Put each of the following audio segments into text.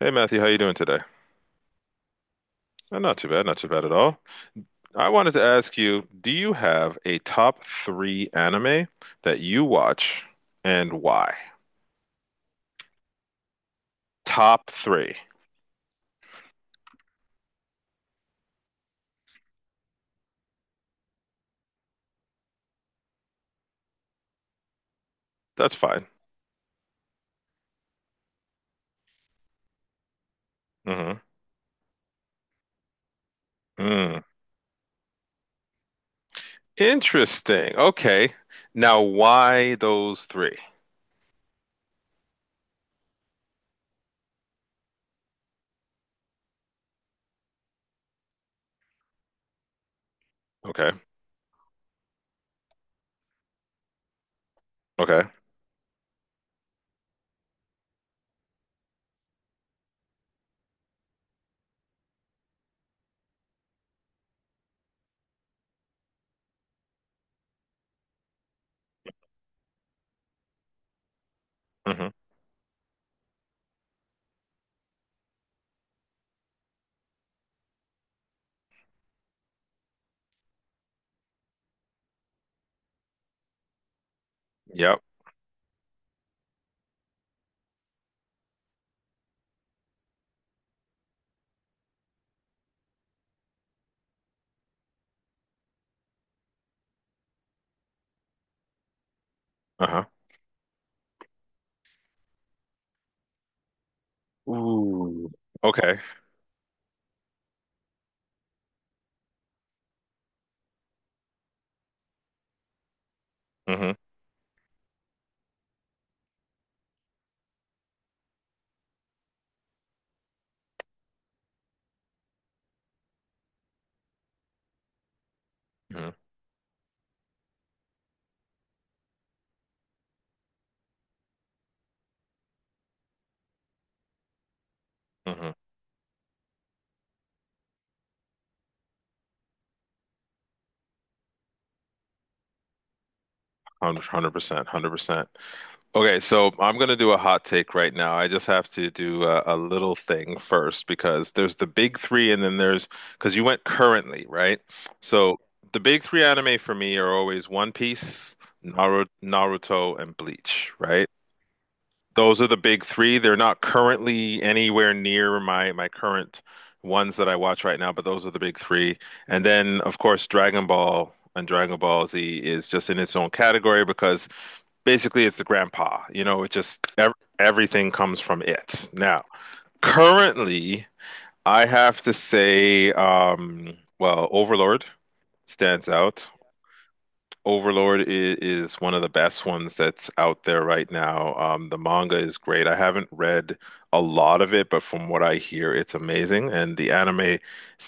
Hey Matthew, how you doing today? Not too bad, not too bad at all. I wanted to ask you, do you have a top three anime that you watch and why? Top three. That's fine. Hmm. Mm. Interesting. Okay. Now, why those three? Okay. Okay. Hmm. Yep. Uh-huh. Ooh. Okay. Hmm. Hmm. Hmm. 100%, 100%. Okay, so I'm going to do a hot take right now. I just have to do a little thing first because there's the big three, and then there's because you went currently, right? So the big three anime for me are always One Piece, Naruto, and Bleach, right? Those are the big three. They're not currently anywhere near my current ones that I watch right now, but those are the big three. And then, of course, Dragon Ball and Dragon Ball Z is just in its own category because basically it's the grandpa. It just everything comes from it now, currently. I have to say, well, Overlord stands out. Overlord is one of the best ones that's out there right now. The manga is great. I haven't read a lot of it, but from what I hear it's amazing, and the anime is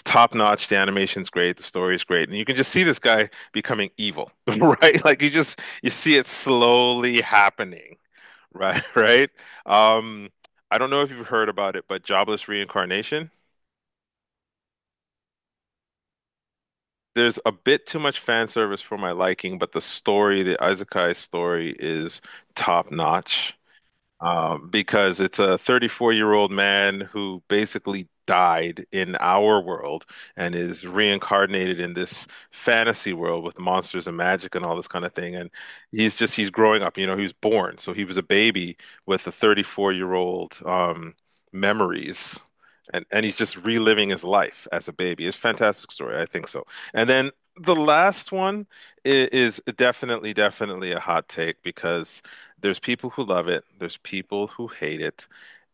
top notch. The animation's great, the story is great, and you can just see this guy becoming evil, right, like you just you see it slowly happening. Right, right. Um, I don't know if you've heard about it, but Jobless Reincarnation. There's a bit too much fan service for my liking, but the story, the Isekai story, is top notch. Because it's a 34-year-old man who basically died in our world and is reincarnated in this fantasy world with monsters and magic and all this kind of thing. And he's just he's growing up. You know, he was born, so he was a baby with the 34-year-old, memories. And he's just reliving his life as a baby. It's a fantastic story, I think so. And then the last one is definitely, definitely a hot take, because there's people who love it, there's people who hate it,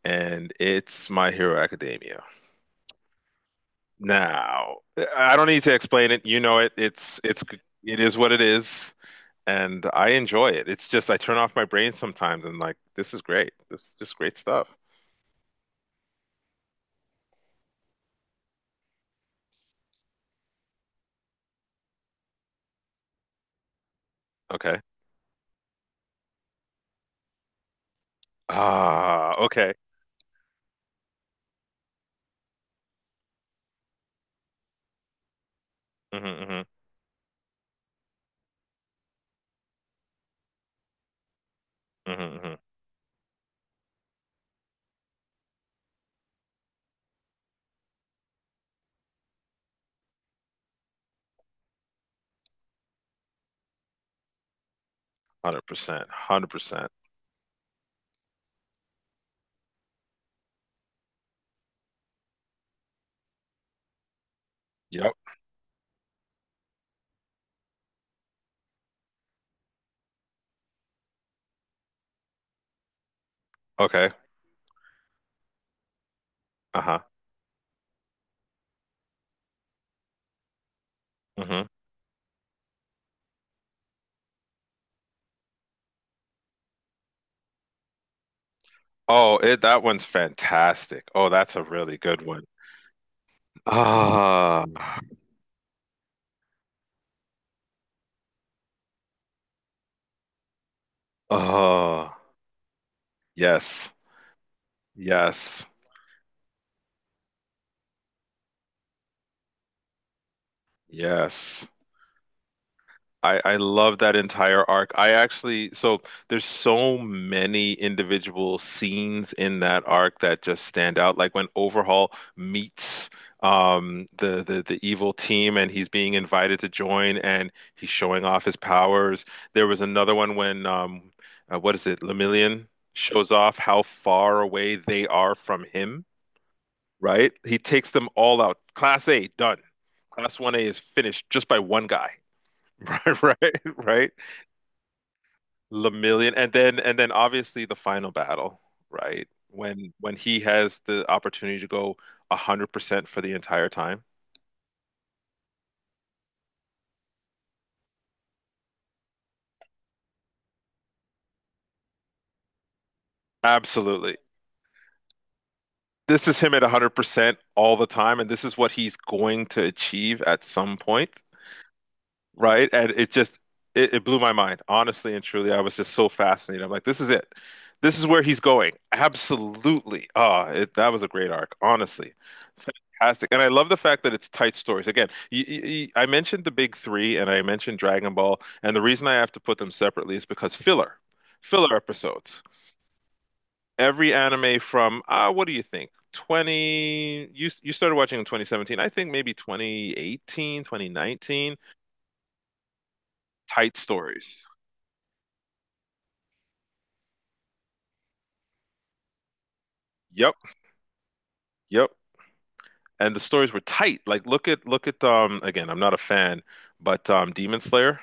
and it's My Hero Academia. Now, I don't need to explain it. You know it. It's it is what it is, and I enjoy it. It's just I turn off my brain sometimes and, like, this is great. This is just great stuff. Okay. Ah, okay. Mm-hmm. Hmm. Hmm. 100%. 100%. Yep. Okay. Uh-huh. Hmm. Oh, it that one's fantastic. Oh, that's a really good one. Ah, oh, yes. Yes. Yes. I love that entire arc. I actually, so there's so many individual scenes in that arc that just stand out. Like when Overhaul meets the, the evil team and he's being invited to join and he's showing off his powers. There was another one when what is it, Lemillion shows off how far away they are from him, right? He takes them all out. Class A, done. Class 1A is finished just by one guy. Right, right, right. Lamillion. And then obviously, the final battle, right? When he has the opportunity to go 100% for the entire time. Absolutely. This is him at 100% all the time, and this is what he's going to achieve at some point. Right? And it just it, it blew my mind. Honestly and truly, I was just so fascinated. I'm like, this is it. This is where he's going. Absolutely. Ah, that was a great arc, honestly. Fantastic. And I love the fact that it's tight stories. Again, I mentioned the big three and I mentioned Dragon Ball, and the reason I have to put them separately is because filler episodes. Every anime from, ah, what do you think? You started watching in 2017. I think maybe 2018, 2019. Tight stories. Yep. Yep. And the stories were tight. Like look at, again, I'm not a fan, but Demon Slayer,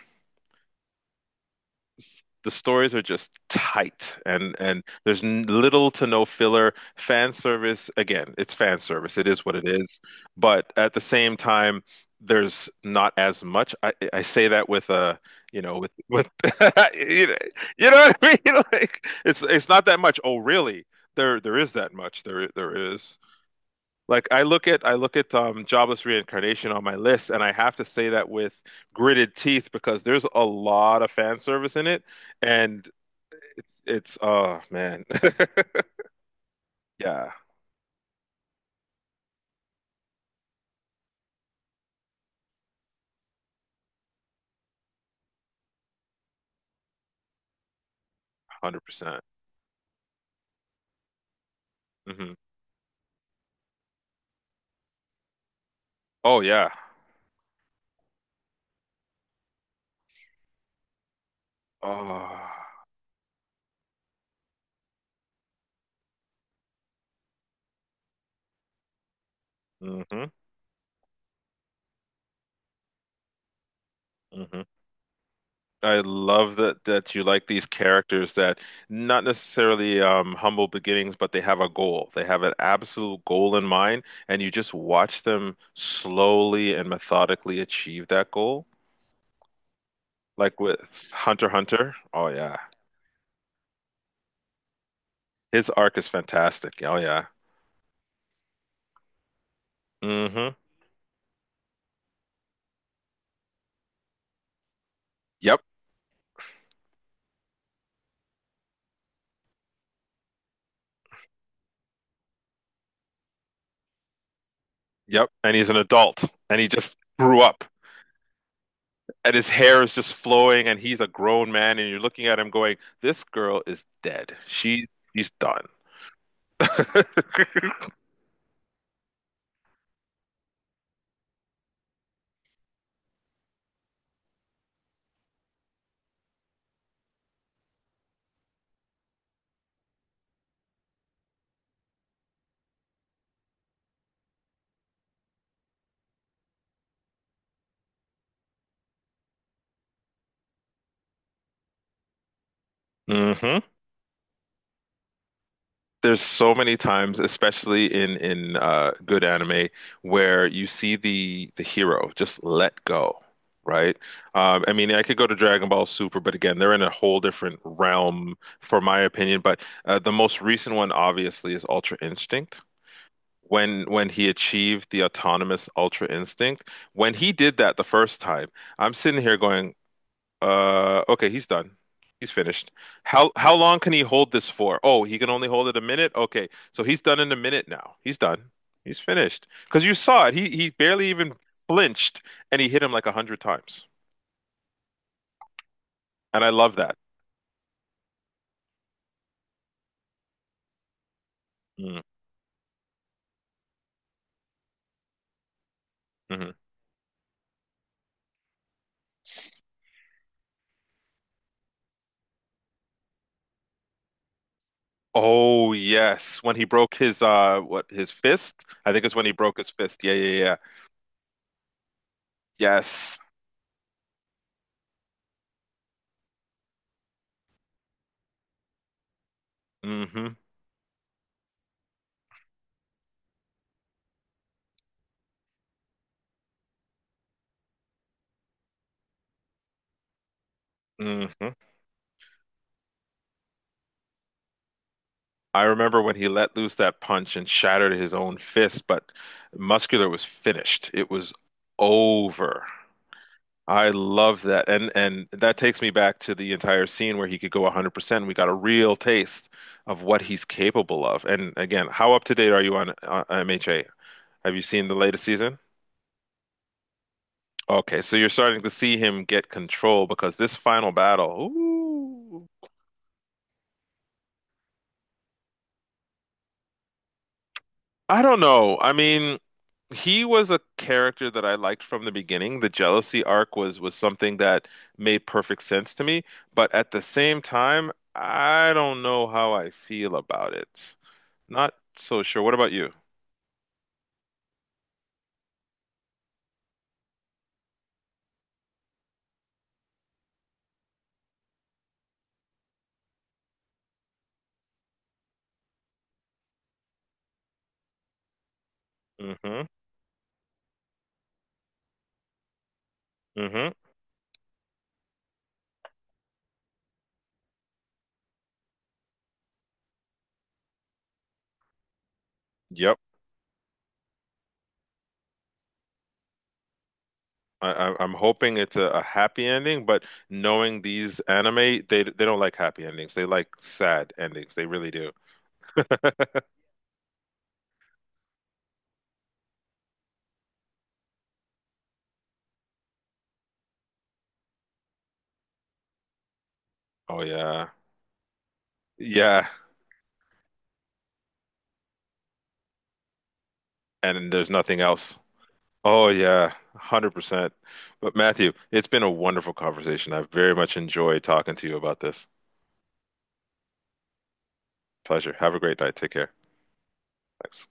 the stories are just tight, and there's n little to no filler. Fan service, again, it's fan service. It is what it is. But at the same time, there's not as much. I say that with with you know, you know what I mean? Like it's not that much. Oh, really? There is that much. There is. Like I look at jobless reincarnation on my list, and I have to say that with gritted teeth because there's a lot of fan service in it, and it's oh man, yeah, 100%. Hmm. Oh yeah, oh, hmm, hmm. I love that that you like these characters that, not necessarily, humble beginnings, but they have a goal. They have an absolute goal in mind, and you just watch them slowly and methodically achieve that goal. Like with Hunter x Hunter. Oh yeah, his arc is fantastic. Oh yeah. Hmm. Yep. Yep. And he's an adult, and he just grew up, and his hair is just flowing, and he's a grown man, and you're looking at him going, "This girl is dead. She's done." Hmm. There's so many times, especially in good anime, where you see the hero just let go, right? I mean, I could go to Dragon Ball Super, but again, they're in a whole different realm, for my opinion. But the most recent one, obviously, is Ultra Instinct. When he achieved the autonomous Ultra Instinct, when he did that the first time, I'm sitting here going, okay, he's done. He's finished. How long can he hold this for? Oh, he can only hold it a minute. Okay, so he's done in a minute now. He's done. He's finished. Because you saw it. He barely even flinched, and he hit him like 100 times. And I love that. Mm, mhm. Oh yes, when he broke his what, his fist? I think it's when he broke his fist. Yeah, yeah, yeah. Yes. Hmm. Hmm. I remember when he let loose that punch and shattered his own fist, but Muscular was finished. It was over. I love that. And that takes me back to the entire scene where he could go 100%. We got a real taste of what he's capable of. And again, how up to date are you on MHA? Have you seen the latest season? Okay, so you're starting to see him get control, because this final battle, ooh. I don't know. I mean, he was a character that I liked from the beginning. The jealousy arc was something that made perfect sense to me, but at the same time, I don't know how I feel about it. Not so sure. What about you? Mm-hmm. Mm-hmm. Yep. I'm hoping it's a happy ending, but knowing these anime, they don't like happy endings. They like sad endings. They really do. Oh yeah. Yeah. And there's nothing else. Oh yeah, 100%. But Matthew, it's been a wonderful conversation. I've very much enjoyed talking to you about this. Pleasure. Have a great night. Take care. Thanks.